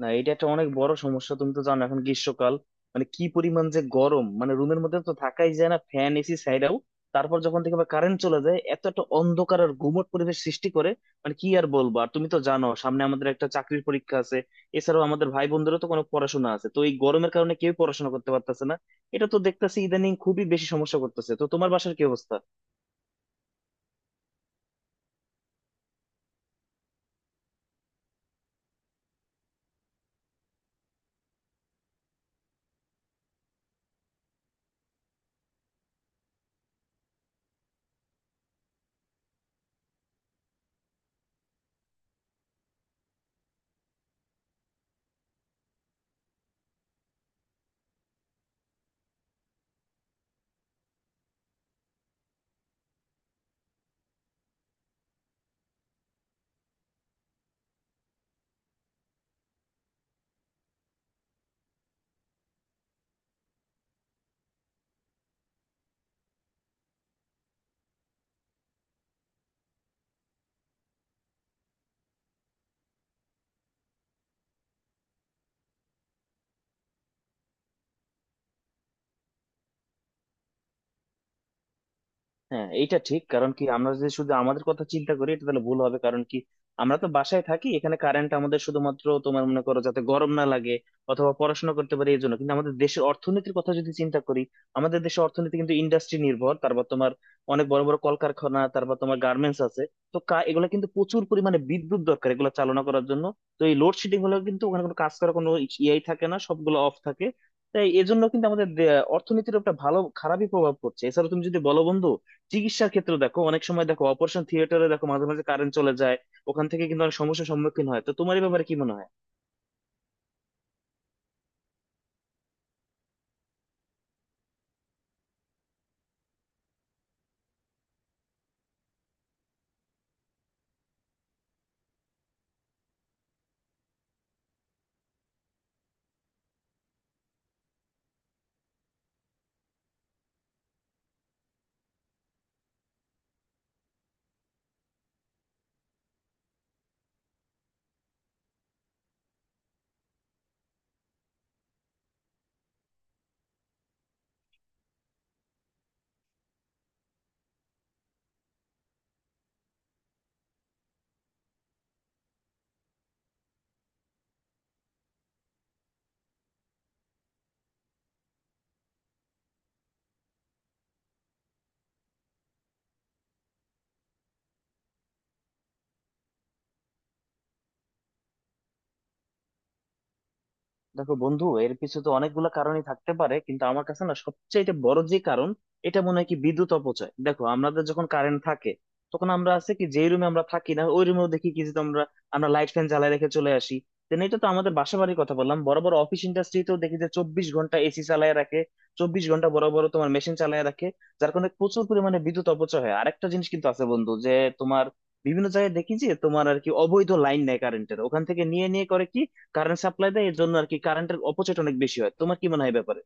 না, এটা একটা অনেক বড় সমস্যা। তুমি তো জানো এখন গ্রীষ্মকাল, মানে কি পরিমাণ যে গরম, মানে রুমের মধ্যে তো থাকাই যায় না ফ্যান এসি ছাইড়াও। তারপর যখন থেকে কারেন্ট চলে যায় এত একটা অন্ধকার আর গুমট পরিবেশ সৃষ্টি করে, মানে কি আর বলবো। আর তুমি তো জানো সামনে আমাদের একটা চাকরির পরীক্ষা আছে, এছাড়াও আমাদের ভাই বোনদেরও তো কোনো পড়াশোনা আছে, তো এই গরমের কারণে কেউ পড়াশোনা করতে পারতেছে না। এটা তো দেখতেছি ইদানিং খুবই বেশি সমস্যা করতেছে। তো তোমার বাসার কি অবস্থা? হ্যাঁ, এইটা ঠিক। কারণ কি আমরা যদি শুধু আমাদের কথা চিন্তা করি এটা তাহলে ভুল হবে, কারণ কি আমরা তো বাসায় থাকি, এখানে কারেন্ট আমাদের শুধুমাত্র তোমার মনে করো যাতে গরম না লাগে অথবা পড়াশোনা করতে পারি এই জন্য। কিন্তু আমাদের দেশের অর্থনীতির কথা যদি চিন্তা করি, আমাদের দেশের অর্থনীতি কিন্তু ইন্ডাস্ট্রি নির্ভর। তারপর তোমার অনেক বড় বড় কলকারখানা, তারপর তোমার গার্মেন্টস আছে, তো এগুলো কিন্তু প্রচুর পরিমাণে বিদ্যুৎ দরকার এগুলো চালনা করার জন্য। তো এই লোডশেডিং হলে কিন্তু ওখানে কোনো কাজ করার কোনো ইয়েই থাকে না, সবগুলো অফ থাকে। তাই এজন্য কিন্তু আমাদের অর্থনীতির একটা ভালো খারাপই প্রভাব পড়ছে। এছাড়া তুমি যদি বলো বন্ধু, চিকিৎসার ক্ষেত্রে দেখো অনেক সময় দেখো অপারেশন থিয়েটারে দেখো মাঝে মাঝে কারেন্ট চলে যায়, ওখান থেকে কিন্তু অনেক সমস্যার সম্মুখীন হয়। তো তোমার এই ব্যাপারে কি মনে হয়? দেখো বন্ধু, এর পিছনে তো অনেকগুলো কারণই থাকতে পারে, কিন্তু আমার কাছে না সবচেয়ে বড় যে কারণ এটা মনে হয় কি বিদ্যুৎ অপচয়। দেখো আমাদের যখন কারেন্ট থাকে তখন আমরা আছে কি, যে রুমে আমরা থাকি না ওই রুমেও দেখি কি যে আমরা আমরা লাইট ফ্যান জ্বালায় রেখে চলে আসি। দেন এটা তো আমাদের বাসা বাড়ির কথা বললাম, বড় বড় অফিস ইন্ডাস্ট্রিতেও দেখি যে 24 ঘন্টা এসি চালায় রাখে, 24 ঘন্টা বড় বড় তোমার মেশিন চালায় রাখে, যার কারণে প্রচুর পরিমাণে বিদ্যুৎ অপচয় হয়। আরেকটা জিনিস কিন্তু আছে বন্ধু যে তোমার বিভিন্ন জায়গায় দেখি যে তোমার আর কি অবৈধ লাইন নেয় কারেন্টের, ওখান থেকে নিয়ে নিয়ে করে কি কারেন্ট সাপ্লাই দেয়। এর জন্য আর কি কারেন্টের অপচয়টা অনেক বেশি হয়। তোমার কি মনে হয় এ ব্যাপারে?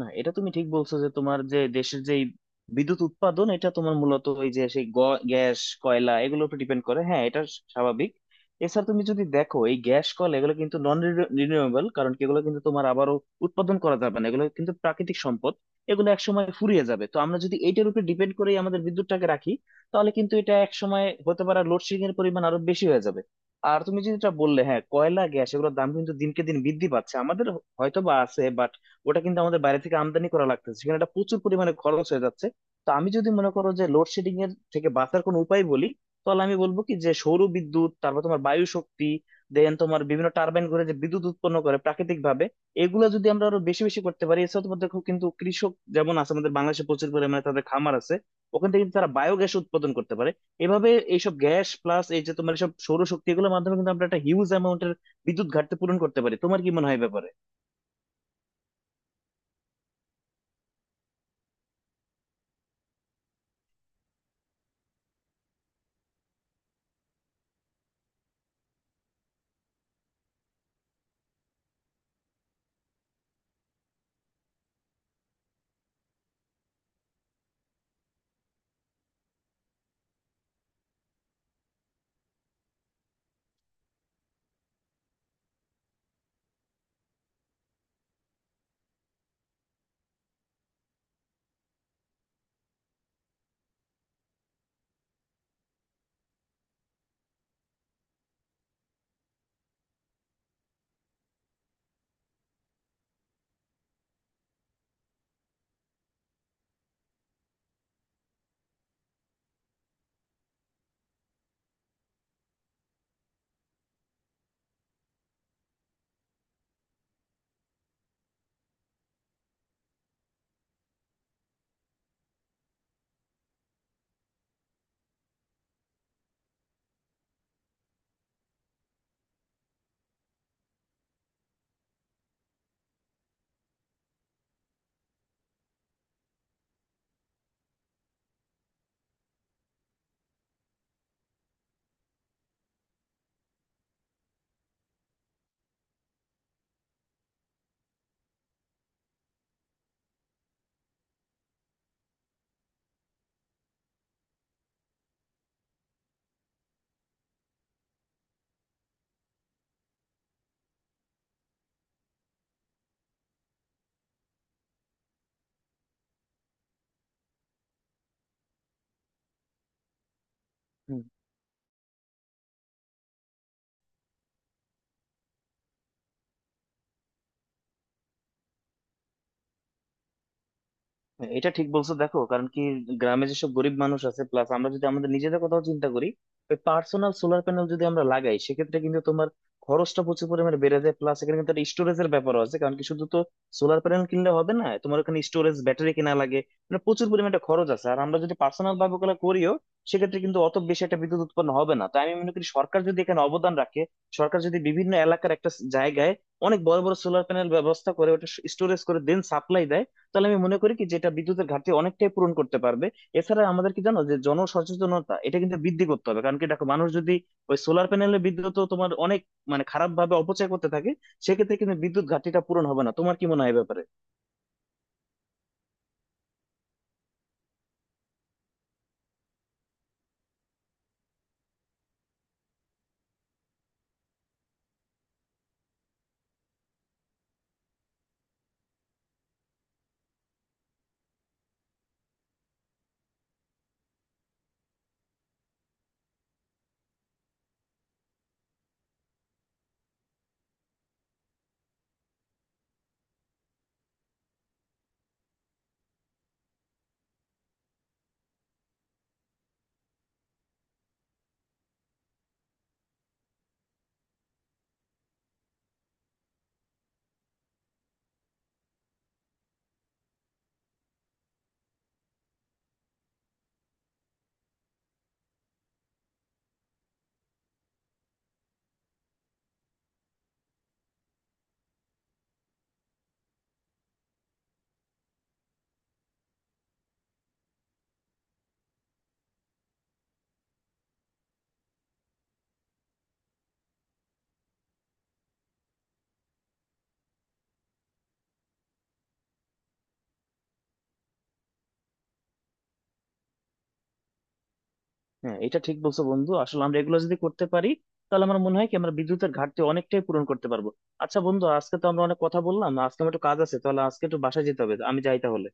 না, এটা তুমি ঠিক বলছো যে তোমার যে দেশের যে এই বিদ্যুৎ উৎপাদন এটা তোমার মূলত ওই যে সেই গ্যাস কয়লা এগুলোর উপর ডিপেন্ড করে। হ্যাঁ, এটা স্বাভাবিক। এছাড়া তুমি যদি দেখো এই গ্যাস কয়লা এগুলো কিন্তু নন রিনিউয়েবল, কারণ কি এগুলো কিন্তু তোমার আবারও উৎপাদন করা যাবে না, এগুলো কিন্তু প্রাকৃতিক সম্পদ। এগুলো এক সময় ফুরিয়ে যাবে, তো আমরা যদি এইটার উপর ডিপেন্ড করে আমাদের বিদ্যুৎটাকে রাখি তাহলে কিন্তু এটা এক সময় হতে পারে লোডশেডিং এর পরিমাণ আরো বেশি হয়ে যাবে। আর তুমি যেটা বললে, হ্যাঁ, কয়লা গ্যাস এগুলোর দাম কিন্তু দিনকে দিন বৃদ্ধি পাচ্ছে। আমাদের হয়তো বা আছে, ওটা কিন্তু আমাদের বাইরে থেকে আমদানি করা লাগতেছে, সেখানে একটা প্রচুর পরিমাণে খরচ হয়ে যাচ্ছে। তো আমি যদি মনে করো যে লোডশেডিং এর থেকে বাঁচার কোনো উপায় বলি, তাহলে আমি বলবো কি যে সৌর বিদ্যুৎ, তারপর তোমার বায়ু শক্তি, দেন তোমার বিভিন্ন টারবাইন ঘুরে যে বিদ্যুৎ উৎপন্ন করে প্রাকৃতিক ভাবে, এগুলো যদি আমরা আরো বেশি বেশি করতে পারি। এছাড়া তোমাদের খুব কিন্তু কৃষক যেমন আছে আমাদের বাংলাদেশে, প্রচুর পরিমাণে তাদের খামার আছে, ওখান থেকে কিন্তু তারা বায়োগ্যাস উৎপাদন করতে পারে। এভাবে এইসব গ্যাস প্লাস এই যে তোমার সব সৌরশক্তি এগুলোর মাধ্যমে কিন্তু আমরা একটা হিউজ অ্যামাউন্টের বিদ্যুৎ ঘাটতি পূরণ করতে পারি। তোমার কি মনে হয় এ ব্যাপারে? হ্যাঁ, এটা ঠিক বলছো। দেখো কারণ কি গ্রামে যেসব গরিব মানুষ আছে, প্লাস আমরা যদি আমাদের নিজেদের কথাও চিন্তা করি, ওই পার্সোনাল সোলার প্যানেল যদি আমরা লাগাই সেক্ষেত্রে কিন্তু তোমার খরচটা প্রচুর পরিমাণে বেড়ে যায়। প্লাস এখানে কিন্তু একটা স্টোরেজের ব্যাপারও আছে, কারণ কি শুধু তো সোলার প্যানেল কিনলে হবে না, তোমার ওখানে স্টোরেজ ব্যাটারি কেনা লাগে, মানে প্রচুর পরিমাণে একটা খরচ আছে। আর আমরা যদি পার্সোনাল ভাবে ওগুলো করিও সেক্ষেত্রে কিন্তু অত বেশি একটা বিদ্যুৎ উৎপন্ন হবে না। তাই আমি মনে করি সরকার যদি এখানে অবদান রাখে, সরকার যদি বিভিন্ন এলাকার একটা জায়গায় অনেক বড় বড় সোলার প্যানেল ব্যবস্থা করে ওটা স্টোরেজ করে দেন সাপ্লাই দেয়, তাহলে আমি মনে করি কি যেটা বিদ্যুতের ঘাটতি অনেকটাই পূরণ করতে পারবে। এছাড়া আমাদের কি জানো যে জনসচেতনতা এটা কিন্তু বৃদ্ধি করতে হবে, কারণ কি দেখো মানুষ যদি ওই সোলার প্যানেলের বিদ্যুৎ তো তোমার অনেক মানে খারাপ ভাবে অপচয় করতে থাকে সেক্ষেত্রে কিন্তু বিদ্যুৎ ঘাটতিটা পূরণ হবে না। তোমার কি মনে হয় এ ব্যাপারে? হ্যাঁ, এটা ঠিক বলছো বন্ধু। আসলে আমরা এগুলো যদি করতে পারি তাহলে আমার মনে হয় কি আমরা বিদ্যুতের ঘাটতি অনেকটাই পূরণ করতে পারবো। আচ্ছা বন্ধু, আজকে তো আমরা অনেক কথা বললাম, আজকে আমার একটু কাজ আছে, তাহলে আজকে একটু বাসায় যেতে হবে। আমি যাই তাহলে।